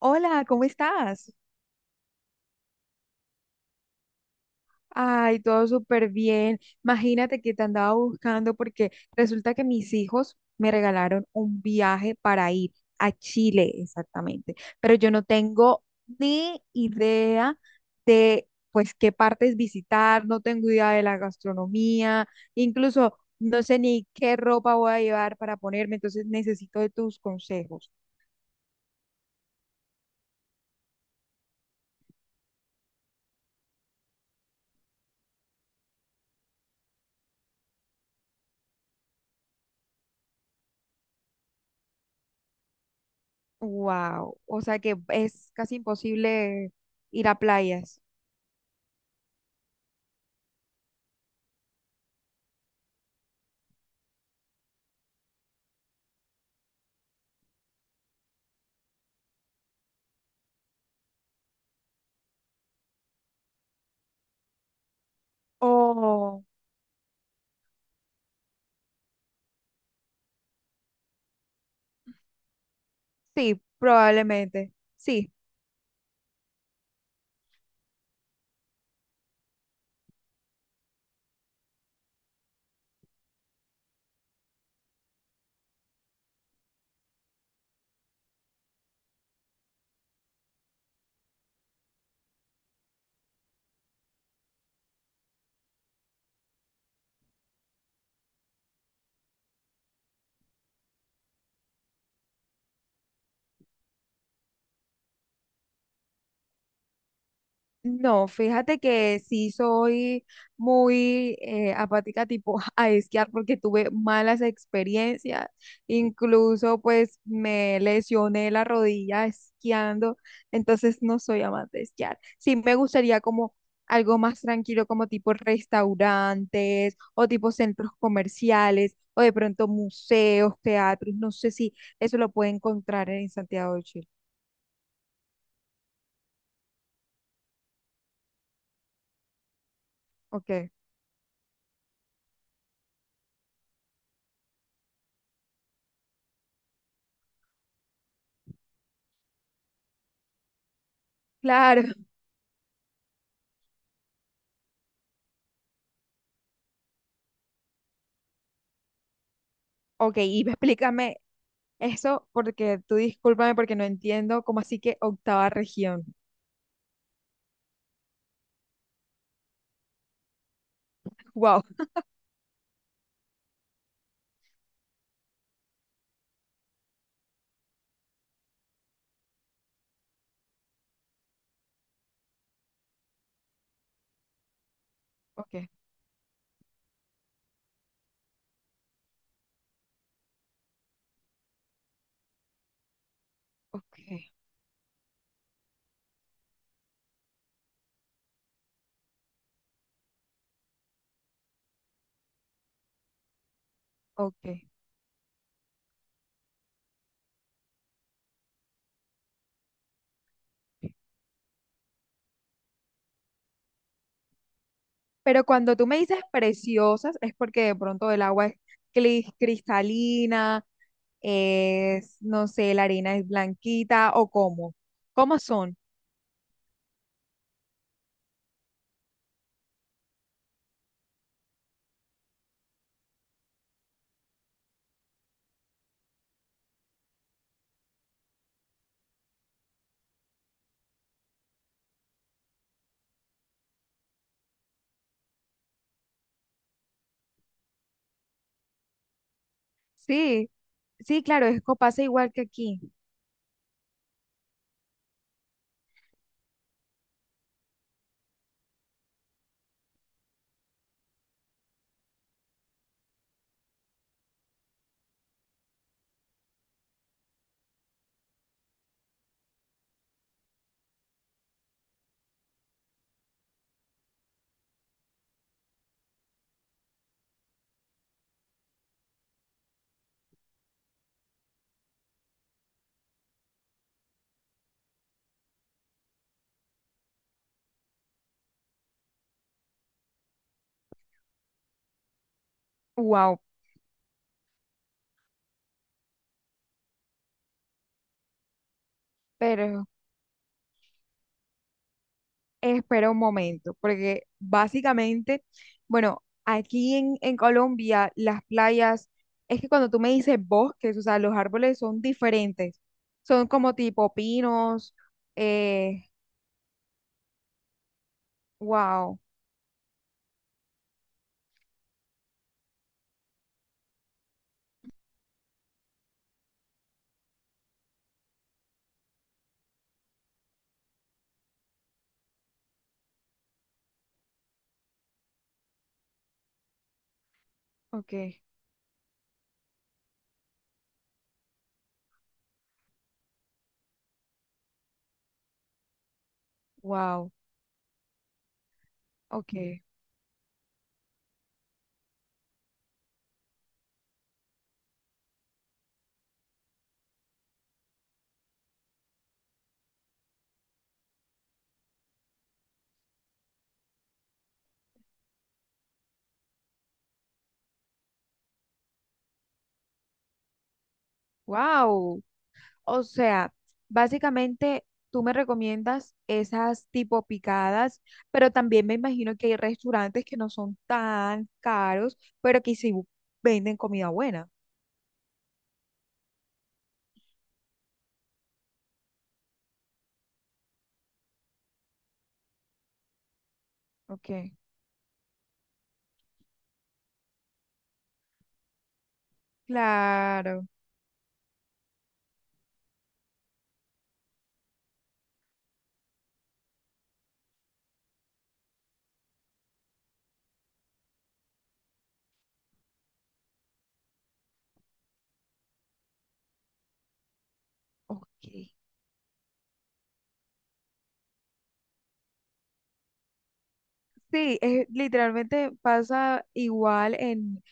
Hola, ¿cómo estás? Ay, todo súper bien. Imagínate que te andaba buscando porque resulta que mis hijos me regalaron un viaje para ir a Chile, exactamente. Pero yo no tengo ni idea de, pues, qué partes visitar, no tengo idea de la gastronomía, incluso no sé ni qué ropa voy a llevar para ponerme, entonces necesito de tus consejos. Wow, o sea que es casi imposible ir a playas. Oh, sí, probablemente. Sí. No, fíjate que sí soy muy apática tipo a esquiar porque tuve malas experiencias. Incluso pues me lesioné la rodilla esquiando. Entonces no soy amante de esquiar. Sí, me gustaría como algo más tranquilo, como tipo restaurantes o tipo centros comerciales o de pronto museos, teatros. No sé si eso lo puede encontrar en Santiago de Chile. Ok, claro. Ok, y explícame eso porque tú discúlpame porque no entiendo cómo así que octava región. Wow. Ok, ok, ok. Pero cuando tú me dices preciosas es porque de pronto el agua es cristalina, es, no sé, la arena es blanquita o cómo. ¿Cómo son? Sí, sí, claro, pasa igual que aquí. Wow, pero espera un momento, porque básicamente, bueno, aquí en Colombia las playas, es que cuando tú me dices bosques, o sea, los árboles son diferentes, son como tipo pinos, eh, wow, ok, wow, ok, wow. O sea, básicamente tú me recomiendas esas tipo picadas, pero también me imagino que hay restaurantes que no son tan caros, pero que sí venden comida buena. Ok, claro, ok. Sí, es, literalmente pasa igual en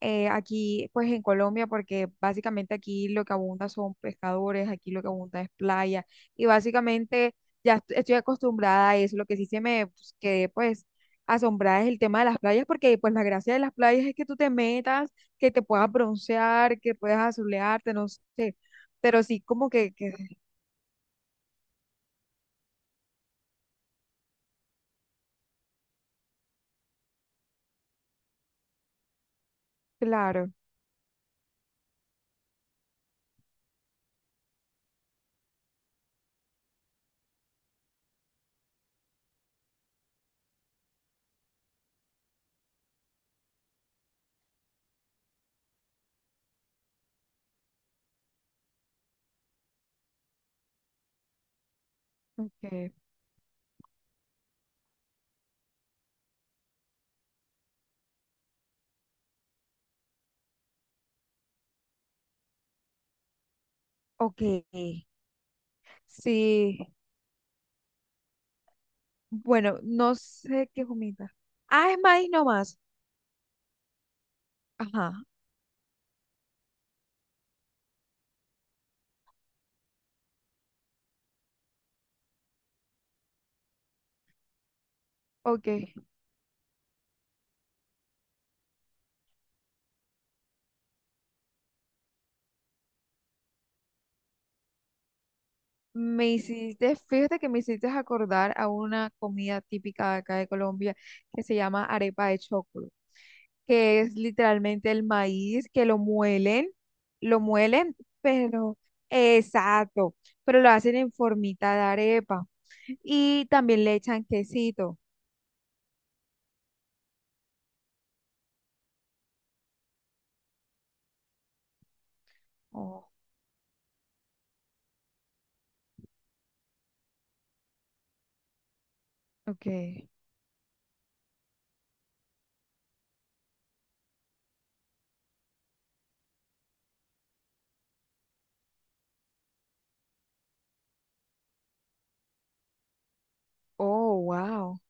aquí, pues en Colombia, porque básicamente aquí lo que abunda son pescadores, aquí lo que abunda es playa, y básicamente ya estoy acostumbrada a eso. Lo que sí se me pues, quedé pues asombrada es el tema de las playas, porque pues la gracia de las playas es que tú te metas, que te puedas broncear, que puedas azulearte, no sé, pero sí como que claro, ok, ok. Sí, bueno, no sé qué es humita. Ah, es maíz nomás. Ajá, ok. Me hiciste, fíjate que me hiciste acordar a una comida típica de acá de Colombia que se llama arepa de choclo, que es literalmente el maíz que lo muelen, pero exacto, pero lo hacen en formita de arepa y también le echan quesito. Oh, ok. Oh, wow.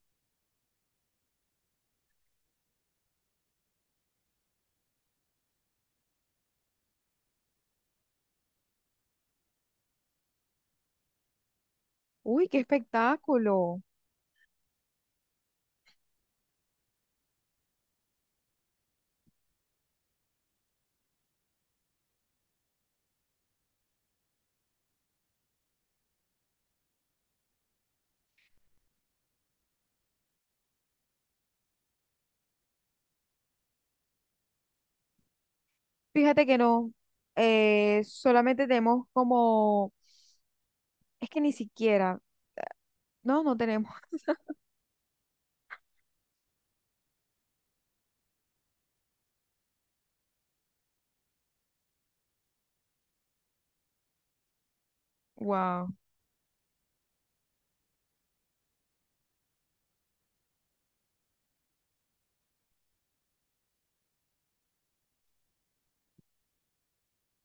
Uy, qué espectáculo. Fíjate que no, solamente tenemos como, es que ni siquiera, no, no tenemos. Wow,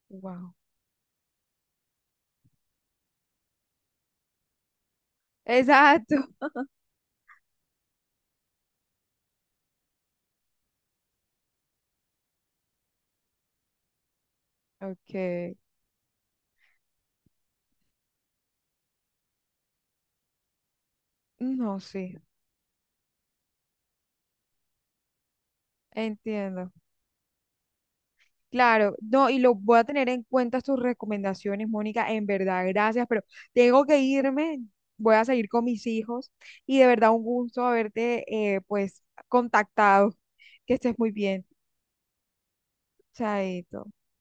wow. Exacto. Ok. No, sí, entiendo. Claro, no, y lo voy a tener en cuenta tus recomendaciones, Mónica, en verdad, gracias, pero tengo que irme, voy a seguir con mis hijos y de verdad un gusto haberte, pues, contactado. Que estés muy bien. Chaito.